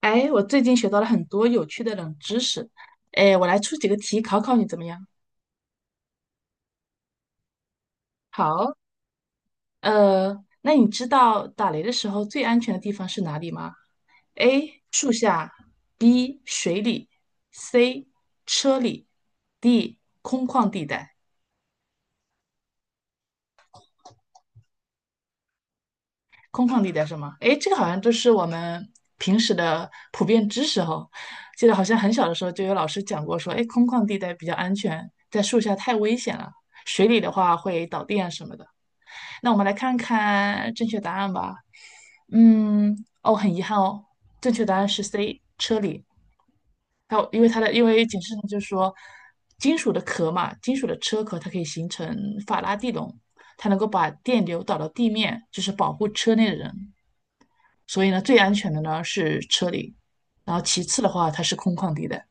哎，我最近学到了很多有趣的冷知识，哎，我来出几个题考考你怎么样？好，那你知道打雷的时候最安全的地方是哪里吗？A. 树下，B. 水里，C. 车里，D. 空旷地带。空旷地带是吗？诶，这个好像都是我们平时的普遍知识哈。记得好像很小的时候就有老师讲过说，诶，空旷地带比较安全，在树下太危险了，水里的话会导电啊什么的。那我们来看看正确答案吧。嗯，哦，很遗憾哦，正确答案是 C，车里。还有，因为它的，因为解释呢，就是说，金属的壳嘛，金属的车壳，它可以形成法拉第笼，它能够把电流导到地面，就是保护车内的人。所以呢，最安全的呢是车里，然后其次的话，它是空旷地带。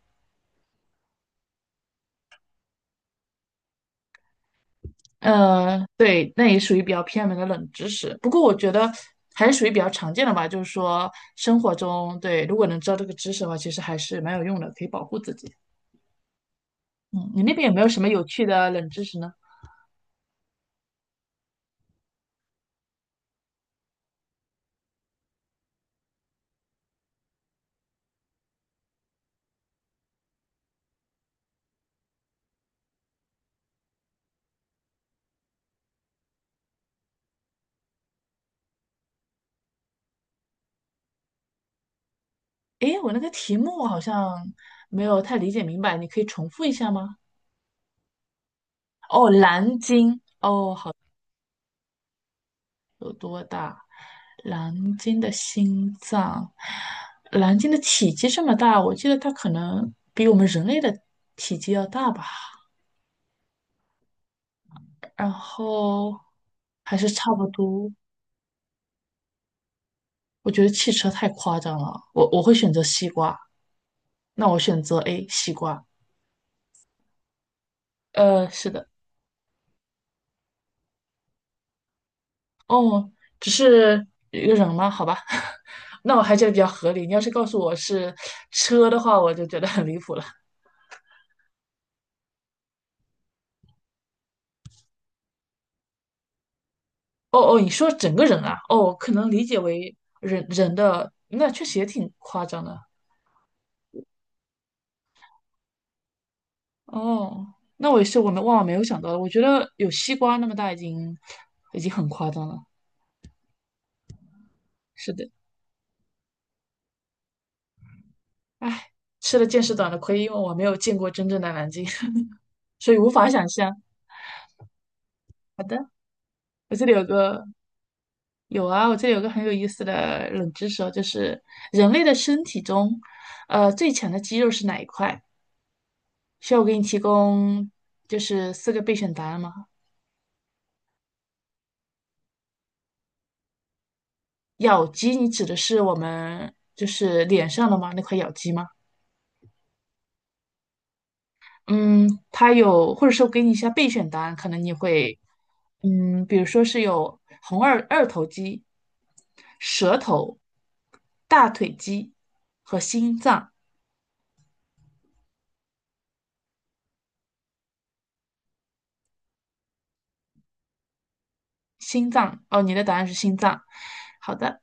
对，那也属于比较偏门的冷知识，不过我觉得还是属于比较常见的吧。就是说，生活中对，如果能知道这个知识的话，其实还是蛮有用的，可以保护自己。嗯，你那边有没有什么有趣的冷知识呢？诶，我那个题目好像没有太理解明白，你可以重复一下吗？哦，蓝鲸，蓝鲸的心脏，蓝鲸的体积这么大，我记得它可能比我们人类的体积要大吧。然后还是差不多。我觉得汽车太夸张了，我会选择西瓜。那我选择 A，西瓜。是的，哦，只是一个人吗？好吧，那我还觉得比较合理。你要是告诉我是车的话，我就觉得很离谱了。哦哦，你说整个人啊，哦，可能理解为人的，那确实也挺夸张的。哦，那我也是，我们万万没有想到的。我觉得有西瓜那么大已经已经很夸张了。是的，唉，吃了见识短的亏，因为我没有见过真正的南京，所以无法想象。好的，我这里有个有啊，我这里有个很有意思的冷知识哦，就是人类的身体中，最强的肌肉是哪一块？需要我给你提供就是四个备选答案吗？咬肌，你指的是我们就是脸上的吗？那块咬肌吗？嗯，它有，或者说我给你一下备选答案，可能你会，嗯，比如说是有红二头肌、舌头、大腿肌和心脏。心脏，哦，你的答案是心脏。好的，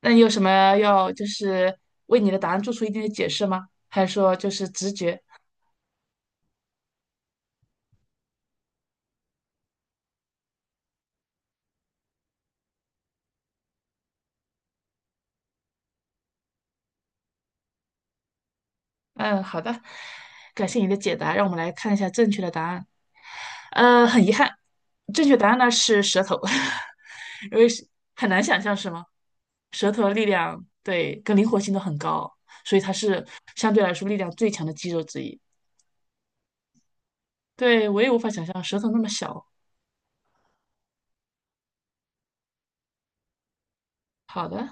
那你有什么要就是为你的答案做出一定的解释吗？还是说就是直觉？嗯，好的，感谢你的解答，让我们来看一下正确的答案。很遗憾，正确答案呢是舌头，因为是很难想象是吗？舌头的力量对跟灵活性都很高，所以它是相对来说力量最强的肌肉之一。对，我也无法想象舌头那么小。好的，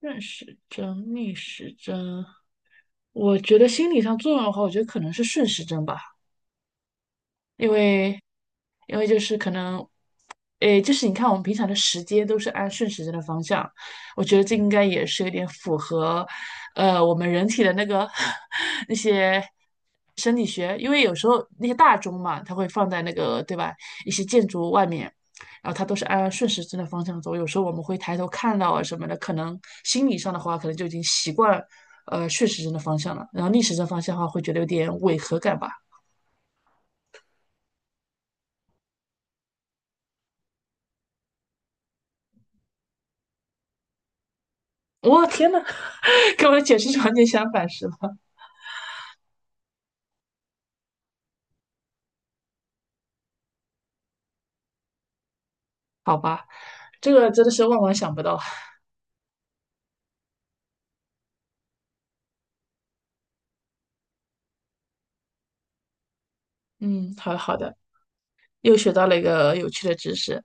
顺时针、逆时针，我觉得心理上作用的话，我觉得可能是顺时针吧。因为因为就是可能，诶，就是你看我们平常的时间都是按顺时针的方向，我觉得这应该也是有点符合，我们人体的那个 那些生理学，因为有时候那些大钟嘛，它会放在那个对吧，一些建筑外面。然后它都是按顺时针的方向走，有时候我们会抬头看到啊什么的，可能心理上的话，可能就已经习惯，顺时针的方向了，然后逆时针方向的话，会觉得有点违和感吧。我、天呐，跟我的解释场完全相反，是吗？好吧，这个真的是万万想不到。嗯，好的好的，又学到了一个有趣的知识。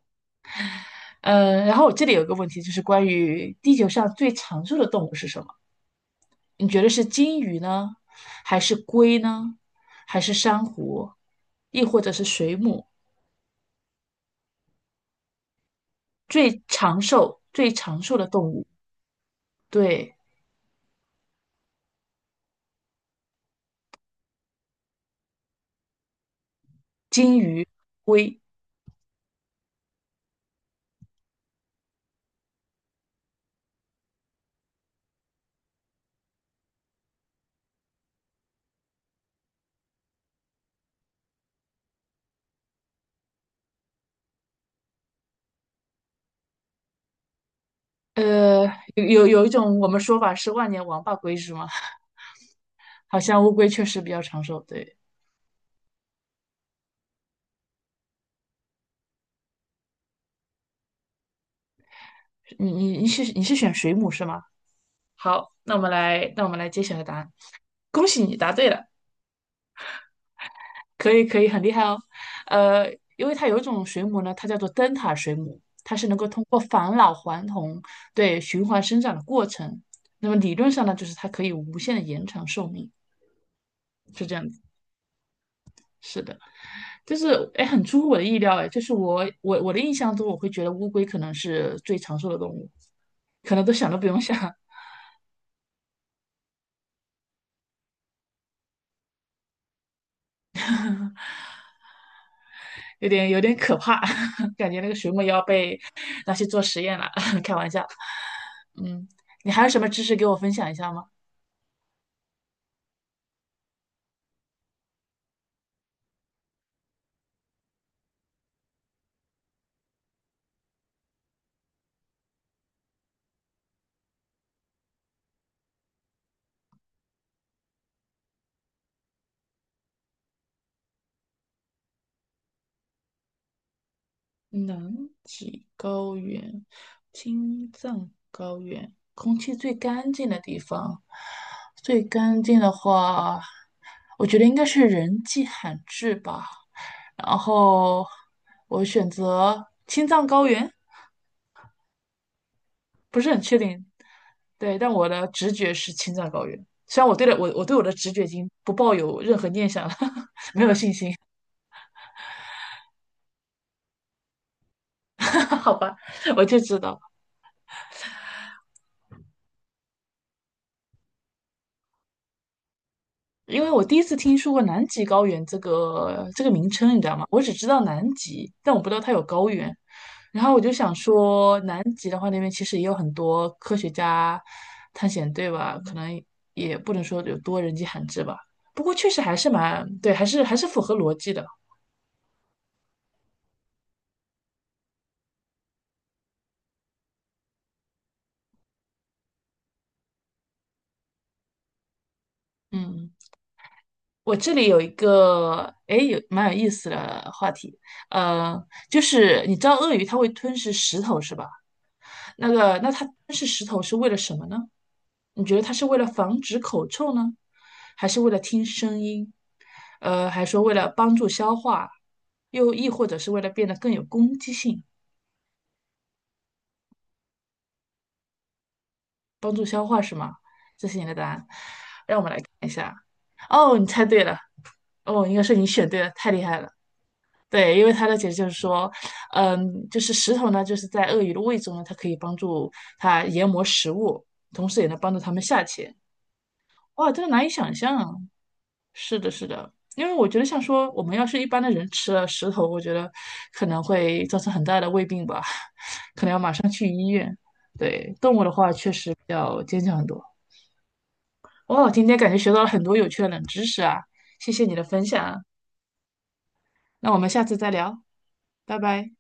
嗯，然后我这里有个问题，就是关于地球上最长寿的动物是什么？你觉得是金鱼呢，还是龟呢，还是珊瑚，亦或者是水母？最长寿、最长寿的动物，对，金鱼、龟。呃，有一种我们说法是万年王八龟，是吗？好像乌龟确实比较长寿。对，你是选水母是吗？好，那我们来揭晓一答案。恭喜你答对了，可以可以，很厉害哦。因为它有一种水母呢，它叫做灯塔水母，它是能够通过返老还童对循环生长的过程。那么理论上呢，就是它可以无限的延长寿命，是这样子。是的，就是哎，很出乎我的意料哎，就是我的印象中，我会觉得乌龟可能是最长寿的动物，可能都想都不用想。有点有点可怕，感觉那个水母要被拿去做实验了。开玩笑，嗯，你还有什么知识给我分享一下吗？南极高原、青藏高原，空气最干净的地方，最干净的话，我觉得应该是人迹罕至吧。然后我选择青藏高原，不是很确定，对，但我的直觉是青藏高原。虽然我对了我对我的直觉已经不抱有任何念想了，没有信心，好吧，我就知道，因为我第一次听说过南极高原这个名称，你知道吗？我只知道南极，但我不知道它有高原。然后我就想说，南极的话，那边其实也有很多科学家、探险队吧，可能也不能说有多人迹罕至吧。不过确实还是蛮对，还是符合逻辑的。嗯。我这里有一个，哎，有蛮有意思的话题，呃，就是你知道鳄鱼它会吞噬石头是吧？那个，那它吞噬石头是为了什么呢？你觉得它是为了防止口臭呢，还是为了听声音？还说为了帮助消化，又亦或者是为了变得更有攻击性，帮助消化是吗？这是你的答案。等一下啊，哦，你猜对了，哦，应该是你选对了，太厉害了。对，因为他的解释就是说，嗯，就是石头呢，就是在鳄鱼的胃中呢，它可以帮助它研磨食物，同时也能帮助它们下潜。哇，真的难以想象。是的，是的，因为我觉得像说我们要是一般的人吃了石头，我觉得可能会造成很大的胃病吧。对，动物的话确实比较坚强很多。哦，今天感觉学到了很多有趣的冷知识啊，谢谢你的分享啊，那我们下次再聊，拜拜。